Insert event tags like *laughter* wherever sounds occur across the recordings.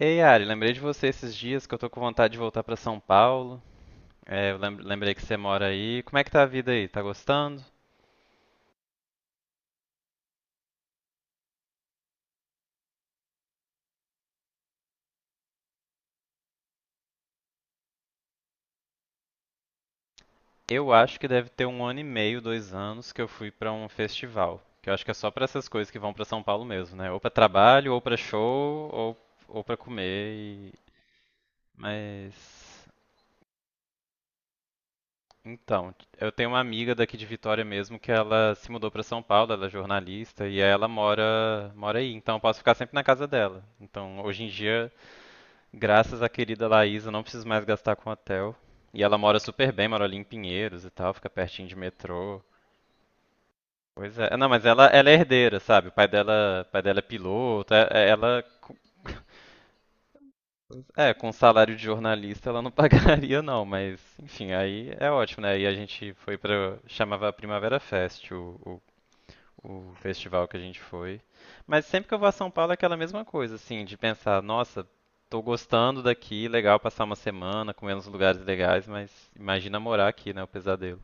Ei, Ari, lembrei de você esses dias que eu tô com vontade de voltar pra São Paulo. É, eu lembrei que você mora aí. Como é que tá a vida aí? Tá gostando? Eu acho que deve ter 1 ano e meio, 2 anos que eu fui pra um festival. Que eu acho que é só pra essas coisas que vão pra São Paulo mesmo, né? Ou pra trabalho, ou pra show, ou pra comer. Mas. Então, eu tenho uma amiga daqui de Vitória mesmo que ela se mudou pra São Paulo, ela é jornalista e aí ela mora aí, então eu posso ficar sempre na casa dela. Então, hoje em dia, graças à querida Laís, eu não preciso mais gastar com hotel. E ela mora super bem, mora ali em Pinheiros e tal, fica pertinho de metrô. Pois é. Não, mas ela é herdeira, sabe? O pai dela é piloto. É, com salário de jornalista ela não *laughs* pagaria não, mas enfim, aí é ótimo, né? Aí a gente foi pra, chamava Primavera Fest, o festival que a gente foi. Mas sempre que eu vou a São Paulo é aquela mesma coisa, assim, de pensar, nossa, tô gostando daqui, legal passar uma semana, comer nos lugares legais, mas imagina morar aqui, né, o pesadelo.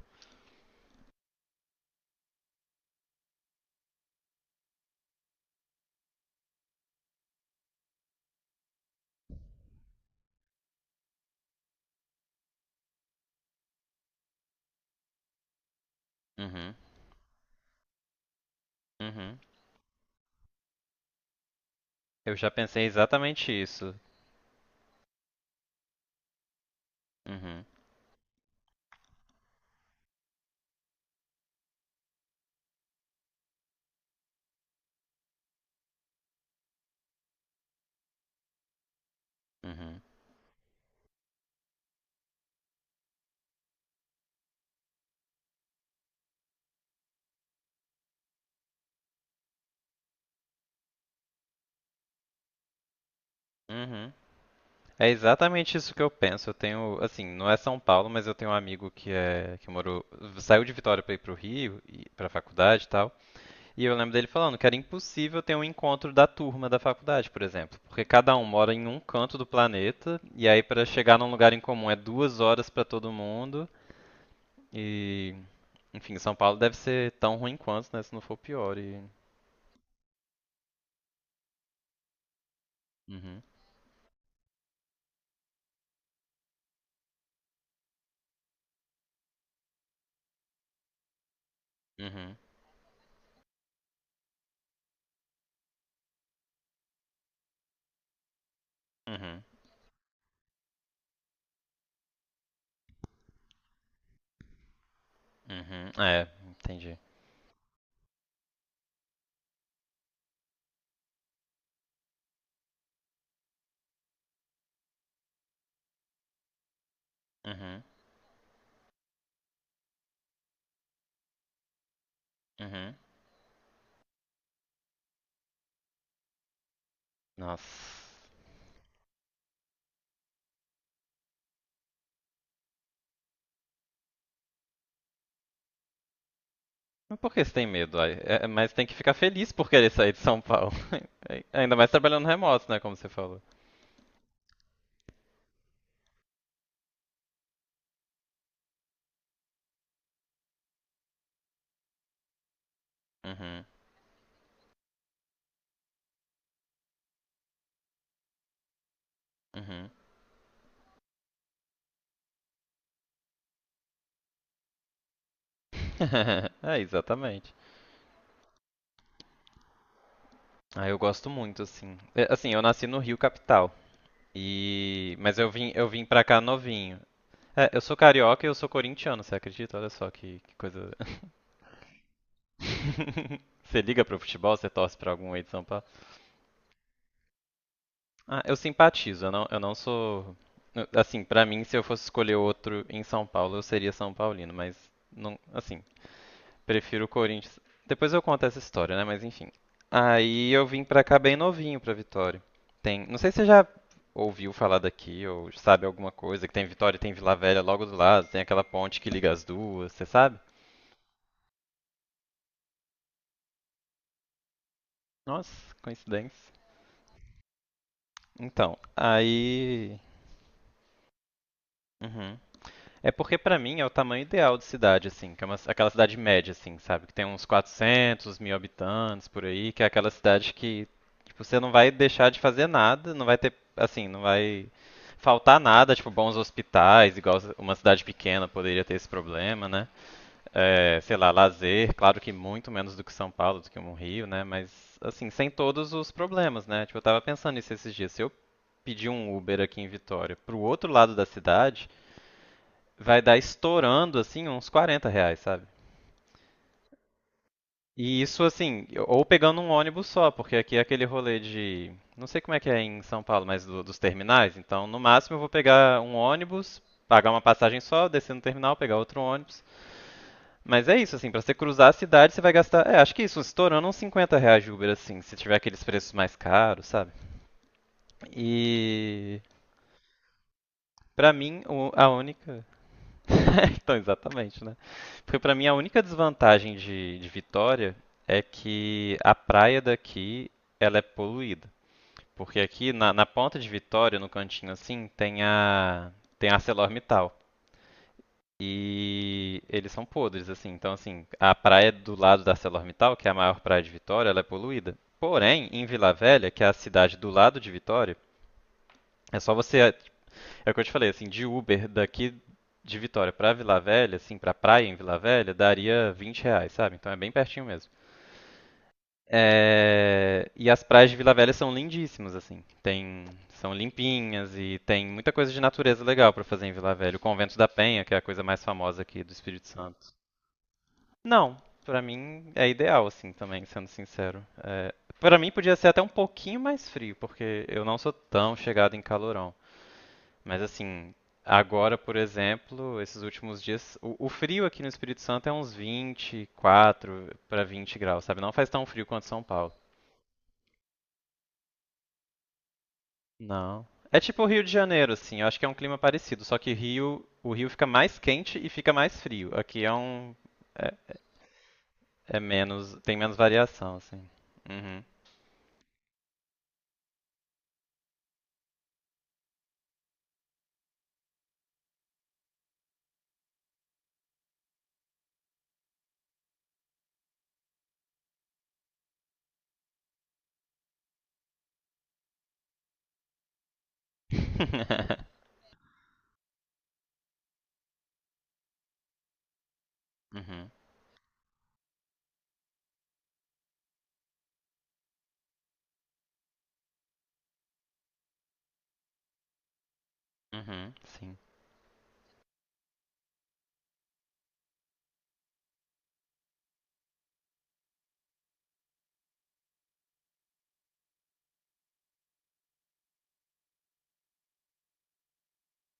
Uhum, uhum. Eu já pensei exatamente isso. Uhum, uhum, uhum. É exatamente isso que eu penso. Eu tenho, assim, não é São Paulo, mas eu tenho um amigo que é que morou, saiu de Vitória para ir pro Rio, pra faculdade e tal. E eu lembro dele falando que era impossível ter um encontro da turma da faculdade, por exemplo, porque cada um mora em um canto do planeta e aí para chegar num lugar em comum é 2 horas para todo mundo e, enfim, São Paulo deve ser tão ruim quanto, né, se não for pior. E... Uhum, uhum, uhum, uhum. É, entendi. Uhum, uhum. Nossa. Mas por que você tem medo? Ai? É, mas tem que ficar feliz por querer sair de São Paulo. *laughs* Ainda mais trabalhando remoto, né, como você falou. Uhum, uhum. *laughs* É, exatamente. Ah, eu gosto muito, assim. É, assim, eu nasci no Rio Capital. E mas eu vim pra cá novinho. É, eu sou carioca e eu sou corintiano, você acredita? Olha só que coisa. *laughs* Você liga pro futebol, você torce pra algum aí de São Paulo? Ah, eu simpatizo, eu não sou. Assim, pra mim, se eu fosse escolher outro em São Paulo, eu seria São Paulino, mas não, assim, prefiro o Corinthians. Depois eu conto essa história, né? Mas enfim. Aí eu vim pra cá bem novinho, pra Vitória. Tem, não sei se você já ouviu falar daqui ou sabe alguma coisa, que tem Vitória e tem Vila Velha logo do lado, tem aquela ponte que liga as duas, você sabe? Nossa, coincidência. Então, aí. Uhum. É porque pra mim é o tamanho ideal de cidade, assim, que é uma, aquela cidade média, assim, sabe? Que tem uns 400 mil habitantes por aí, que é aquela cidade que tipo, você não vai deixar de fazer nada, não vai ter, assim, não vai faltar nada, tipo, bons hospitais, igual uma cidade pequena poderia ter esse problema, né? É, sei lá, lazer, claro que muito menos do que São Paulo, do que um Rio, né? Mas, assim, sem todos os problemas, né? Tipo, eu tava pensando nisso esses dias. Se eu pedir um Uber aqui em Vitória pro outro lado da cidade, vai dar estourando, assim, uns R$ 40, sabe? E isso, assim, ou pegando um ônibus só, porque aqui é aquele rolê de. Não sei como é que é em São Paulo, mas dos terminais. Então, no máximo, eu vou pegar um ônibus, pagar uma passagem só, descer no terminal, pegar outro ônibus. Mas é isso, assim, pra você cruzar a cidade, você vai gastar. É, acho que isso, estourando uns R$ 50 de Uber, assim, se tiver aqueles preços mais caros, sabe? E. Pra mim, a única. *laughs* Então, exatamente, né? Porque pra mim a única desvantagem de Vitória é que a praia daqui ela é poluída. Porque aqui na ponta de Vitória, no cantinho assim, tem a tem a ArcelorMittal. E eles são podres, assim. Então, assim, a praia do lado da ArcelorMittal, que é a maior praia de Vitória, ela é poluída. Porém, em Vila Velha, que é a cidade do lado de Vitória, é só você é o que eu te falei, assim, de Uber daqui de Vitória pra Vila Velha, assim, pra praia em Vila Velha, daria R$ 20, sabe? Então é bem pertinho mesmo. É, e as praias de Vila Velha são lindíssimas, assim. Tem... São limpinhas e tem muita coisa de natureza legal pra fazer em Vila Velha. O Convento da Penha, que é a coisa mais famosa aqui do Espírito Santo. Não, pra mim é ideal, assim, também, sendo sincero. É... Pra mim podia ser até um pouquinho mais frio, porque eu não sou tão chegado em calorão. Mas assim, agora, por exemplo, esses últimos dias, o frio aqui no Espírito Santo é uns 24 para 20 graus, sabe? Não faz tão frio quanto São Paulo. Não. É tipo o Rio de Janeiro, assim. Eu acho que é um clima parecido, só que Rio, o Rio fica mais quente e fica mais frio. Aqui é um, é, é menos, tem menos variação, assim. Uhum. *laughs* Uhum. Uhum. Sim.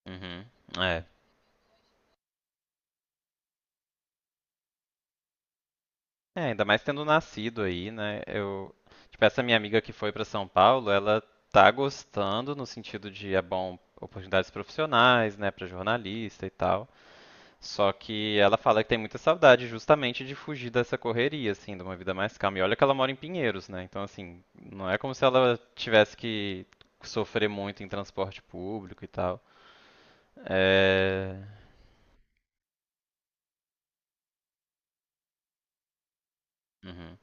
Uhum. É. É, ainda mais tendo nascido aí, né? Eu, tipo, essa minha amiga que foi para São Paulo, ela tá gostando no sentido de é bom oportunidades profissionais, né, para jornalista e tal. Só que ela fala que tem muita saudade justamente de fugir dessa correria, assim, de uma vida mais calma. E olha que ela mora em Pinheiros, né? Então, assim, não é como se ela tivesse que sofrer muito em transporte público e tal. É... Uhum.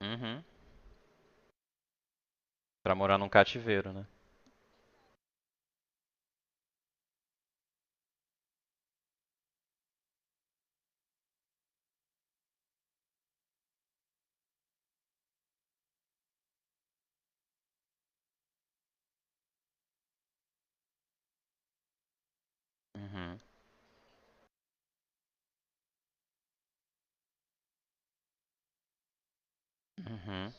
Uhum. Pra morar num cativeiro, né? Uhum. Uhum.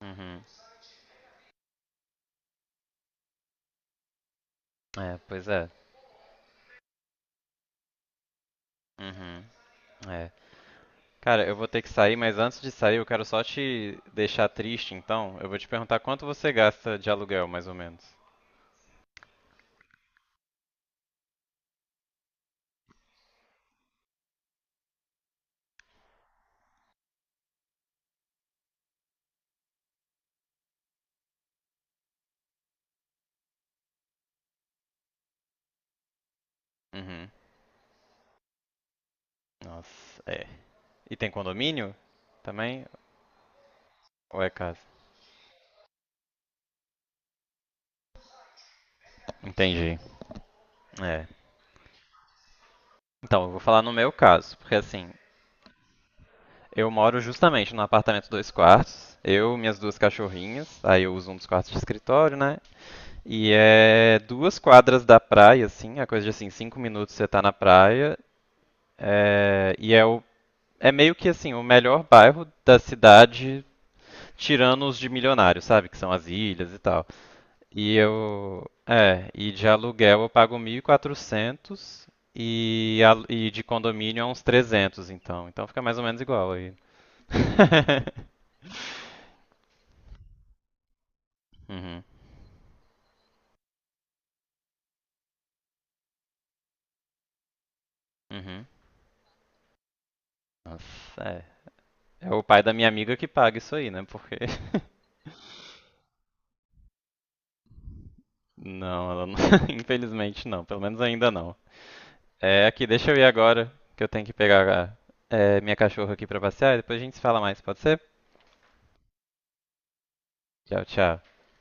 Uhum. É, pois é. Uhum. É. Cara, eu vou ter que sair, mas antes de sair, eu quero só te deixar triste, então. Eu vou te perguntar quanto você gasta de aluguel, mais ou menos. Uhum. Nossa, é. E tem condomínio também? Ou é casa? Entendi. É. Então, eu vou falar no meu caso, porque assim, eu moro justamente num apartamento dois quartos, eu, minhas duas cachorrinhas, aí eu uso um dos quartos de escritório, né? E é duas quadras da praia, assim, é coisa de assim, 5 minutos você tá na praia. É, e é, o, é meio que assim, o melhor bairro da cidade, tirando os de milionários, sabe? Que são as ilhas e tal. E eu. É, e de aluguel eu pago 1.400 e de condomínio é uns 300, então. Então fica mais ou menos igual aí. *laughs* Uhum, uhum. Nossa, é. É o pai da minha amiga que paga isso aí, né? Porque. *laughs* Não, ela não... *laughs* infelizmente não, pelo menos ainda não. É, aqui, deixa eu ir agora, que eu tenho que pegar minha cachorra aqui pra passear e depois a gente se fala mais, pode ser? Tchau, tchau.